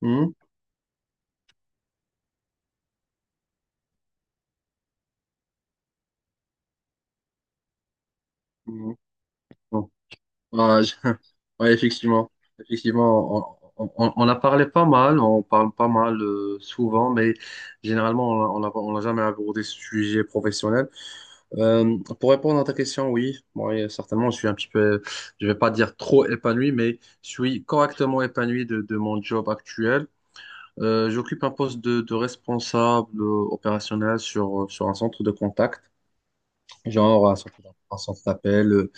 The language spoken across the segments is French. Mhm. Mhm. Bon. Ah, je- ouais, effectivement, effectivement, on a parlé pas mal, on parle pas mal souvent, mais généralement, on n'a on a- on a jamais abordé ce sujet professionnel. Pour répondre à ta question, oui, oui, certainement, je suis un petit peu, je vais pas dire trop épanoui, mais je suis correctement épanoui de mon job actuel. J'occupe un poste de responsable opérationnel sur un centre de contact. Genre un un centre d'appel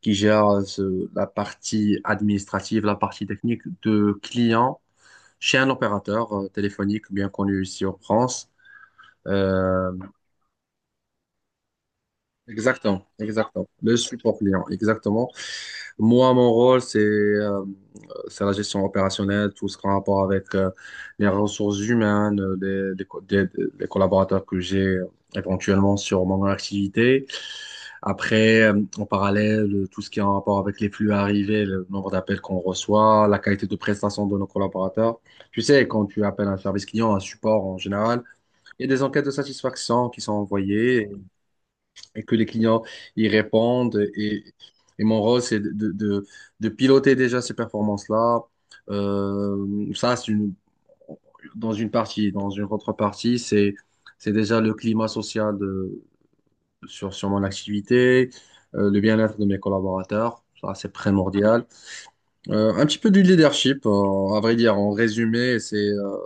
qui gère la partie administrative, la partie technique de clients chez un opérateur téléphonique bien connu ici en France. Euh, Exactement, exactement. Le support client, exactement. Moi, mon rôle, c'est la gestion opérationnelle, tout ce qui a rapport avec les ressources humaines, des les collaborateurs que j'ai éventuellement sur mon activité. Après, en parallèle, tout ce qui est en rapport avec les flux arrivés, le nombre d'appels qu'on reçoit, la qualité de prestation de nos collaborateurs. Tu sais, quand tu appelles un service client, un support en général, il y a des enquêtes de satisfaction qui sont envoyées et, que les clients y répondent. Et mon rôle, c'est de piloter déjà ces performances-là. Ça, c'est une, dans une partie. Dans une autre partie, c'est déjà le climat social sur mon activité, le bien-être de mes collaborateurs. Ça, c'est primordial. Un petit peu du leadership, à vrai dire. En résumé,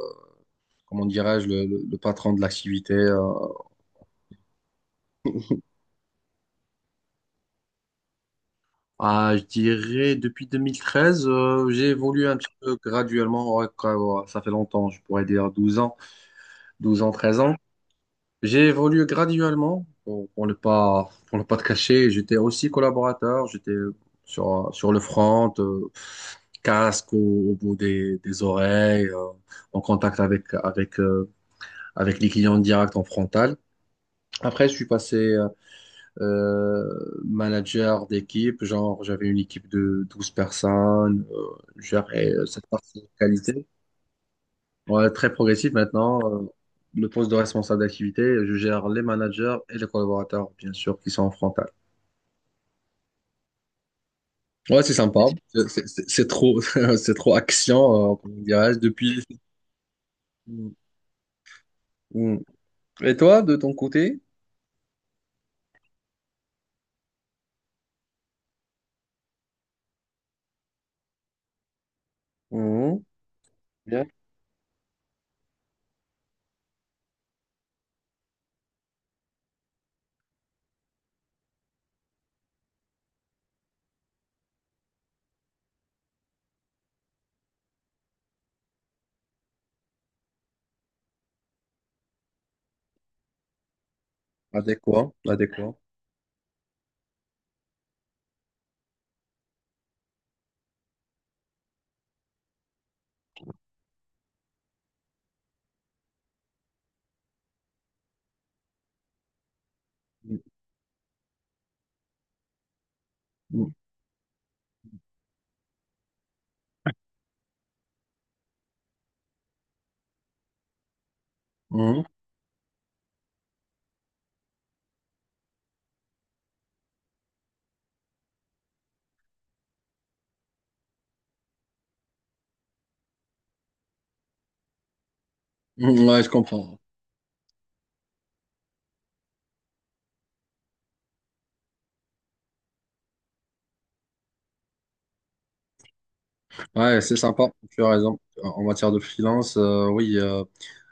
comment dirais-je, le patron de l'activité. Ah, je dirais, depuis 2013, j'ai évolué un petit peu graduellement. Ouais, quoi, ouais, ça fait longtemps, je pourrais dire 12 ans, 12 ans, 13 ans. J'ai évolué graduellement, pour ne pas te cacher. J'étais aussi collaborateur, j'étais sur le front, casque au bout des oreilles, en contact avec les clients directs en frontal. Après, je suis passé manager d'équipe, genre j'avais une équipe de 12 personnes, je gérais cette partie qualité. Ouais, très progressif maintenant. Le poste de responsable d'activité, je gère les managers et les collaborateurs, bien sûr, qui sont en frontal. Ouais, c'est sympa. C'est trop, c'est trop action, comment dirais-je, depuis. Mm. Et toi, de ton côté? Mm. Bien. Adéquat, adéquat. Mm. Mm. Mm. Ouais, je comprends. Ouais, c'est sympa. Tu as raison. En matière de freelance, oui,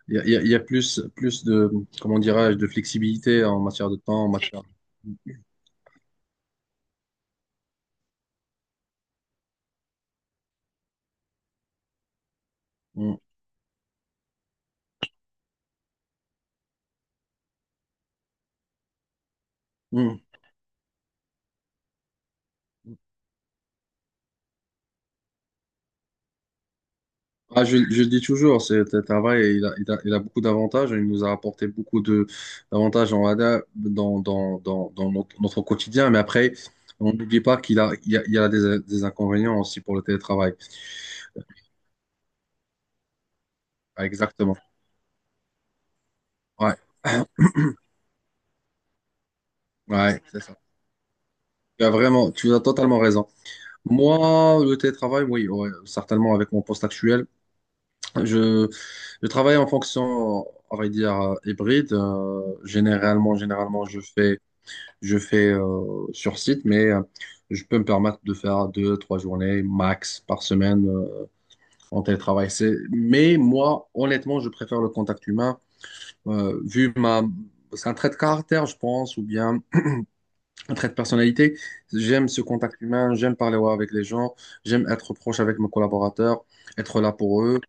il y a, il y a- il y a plus, plus comment dirais-je, de flexibilité en matière de temps, en matière. Mm. Mm. Ah, je le dis toujours, ce travail, il a beaucoup d'avantages. Il nous a apporté beaucoup de d'avantages en ADA dans notre quotidien. Mais après, on n'oublie pas qu'il a, il y a, il y a des inconvénients aussi pour le télétravail. Ah, exactement. Ouais, ouais, c'est ça. Tu as vraiment, tu as totalement raison. Moi, le télétravail, oui, ouais, certainement avec mon poste actuel, je, je travaille en fonction, on va dire, hybride. Généralement, je fais Je fais sur site, mais je peux me permettre de faire 2, 3 journées max par semaine en télétravail. Mais moi, honnêtement, je préfère le contact humain. euh, vu ma... C'est un trait de caractère, je pense, ou bien un trait de personnalité. J'aime ce contact humain, j'aime parler ouais, avec les gens, j'aime être proche avec mes collaborateurs, être là pour eux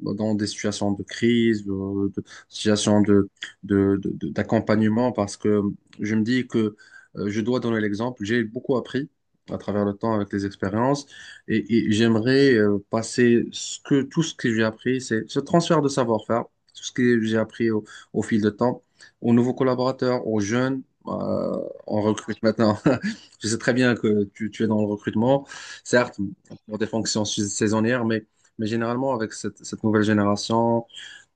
dans des situations de crise, de situations d'accompagnement, parce que je me dis que je dois donner l'exemple. J'ai beaucoup appris à travers le temps avec les expériences et j'aimerais passer tout ce que j'ai appris, c'est ce transfert de savoir-faire, tout ce que j'ai appris au fil de temps, aux nouveaux collaborateurs, aux jeunes. euh, on recrute maintenant. Je sais très bien que tu es dans le recrutement, certes, pour des saisonnières, mais généralement, avec cette nouvelle génération,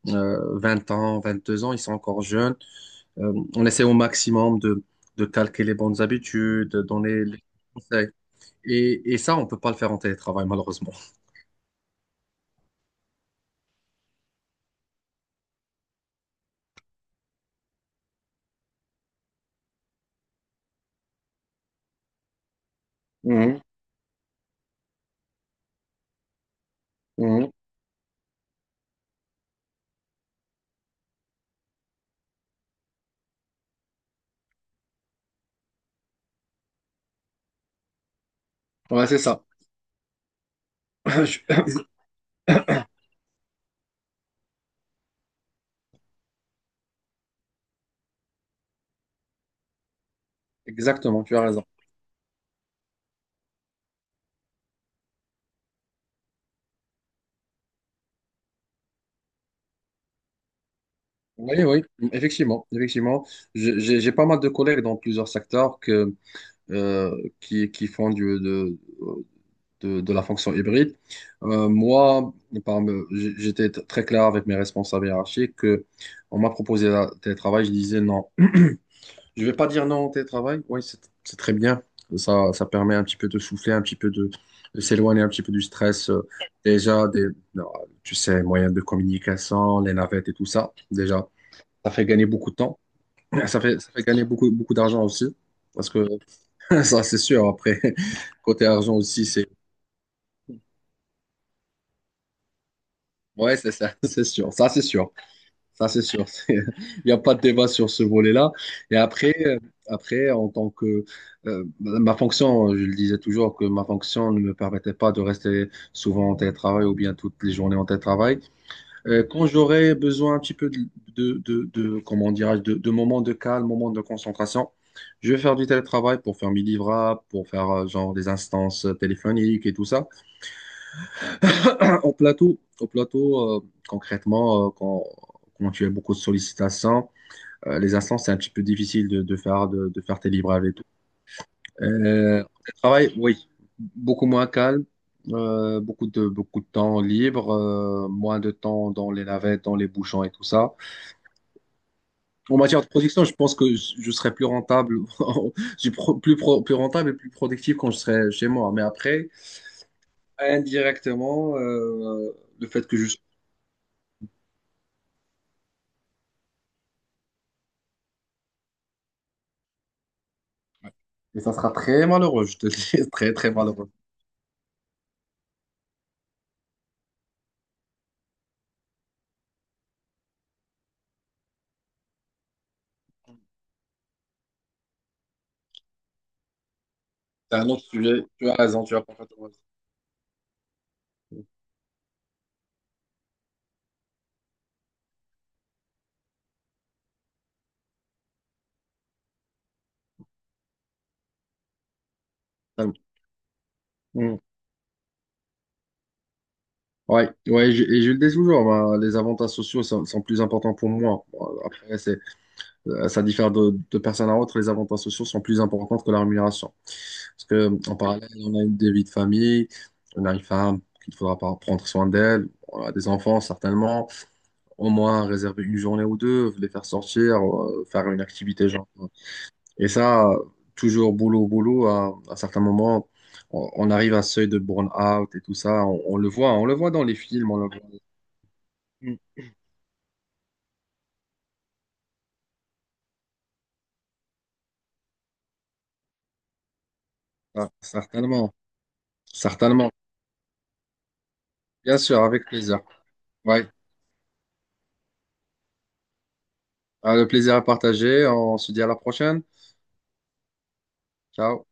20 ans, 22 ans, ils sont encore jeunes. On essaie au maximum de calquer les bonnes habitudes, de donner les conseils. Et ça, on peut pas le faire en télétravail, malheureusement. Mhm, mhm. Ouais, c'est ça. Je- Exactement, tu as raison. Oui, oui, effectivement, effectivement. J'ai pas mal de collègues dans plusieurs secteurs qui font de la fonction hybride. Moi, j'étais très clair avec mes responsables hiérarchiques que on m'a proposé le télétravail, je disais non. Je vais pas dire non au télétravail, oui, c'est très bien. Ça permet un petit peu de souffler, un petit peu de s'éloigner un petit peu du stress. Déjà, des, non, tu sais, moyens de communication, les navettes et tout ça, déjà, ça fait gagner beaucoup de temps. Ça fait gagner beaucoup, beaucoup d'argent aussi. Parce que ça, c'est sûr. Après, côté argent aussi, c'est. Ouais, c'est ça, c'est sûr. Ça, c'est sûr. Ça, c'est sûr. Il n'y a pas de débat sur ce volet-là. Et après, en tant que. Ma fonction, je le disais toujours, que ma fonction ne me permettait pas de rester souvent en télétravail ou bien toutes les journées en télétravail. Quand j'aurais besoin un petit peu comment dirais-je, de moments de calme, moments de concentration, je vais faire du télétravail pour faire mes livrables, pour faire genre des instances téléphoniques et tout ça. Au plateau concrètement, quand tu as beaucoup de sollicitations, les instants, c'est un petit peu difficile de faire, de faire tes livrables et tout. Le travail, oui, beaucoup moins calme, beaucoup beaucoup de temps libre, moins de temps dans les navettes, dans les bouchons et tout ça. En matière de production, je pense que je serai plus rentable, je suis plus rentable et plus productif quand je serai chez moi. Mais après, indirectement, le fait que je. Et ça sera très malheureux, je te le dis, très très malheureux. C'est un autre sujet. Tu as raison, tu as parfaitement raison. Totalement. Mm. Ouais, ouais, et je le dis toujours, bah, les avantages sociaux sont plus importants pour moi. Bon, après, ça diffère de personne à autre, les avantages sociaux sont plus importants que la rémunération. Parce que en parallèle, on a une des vies de famille, on a une femme qu'il faudra pas prendre soin d'elle, on a des enfants certainement, au moins réserver une journée ou deux, les faire sortir, faire une activité genre. Et ça, toujours boulot, boulot, à certains moments, on arrive à un seuil de burn-out et tout ça. On le voit dans les films, on le voit. Mm. Ah, certainement, certainement. Bien sûr, avec plaisir. Ouais, ah, le plaisir à partager. On se dit à la prochaine. Ciao.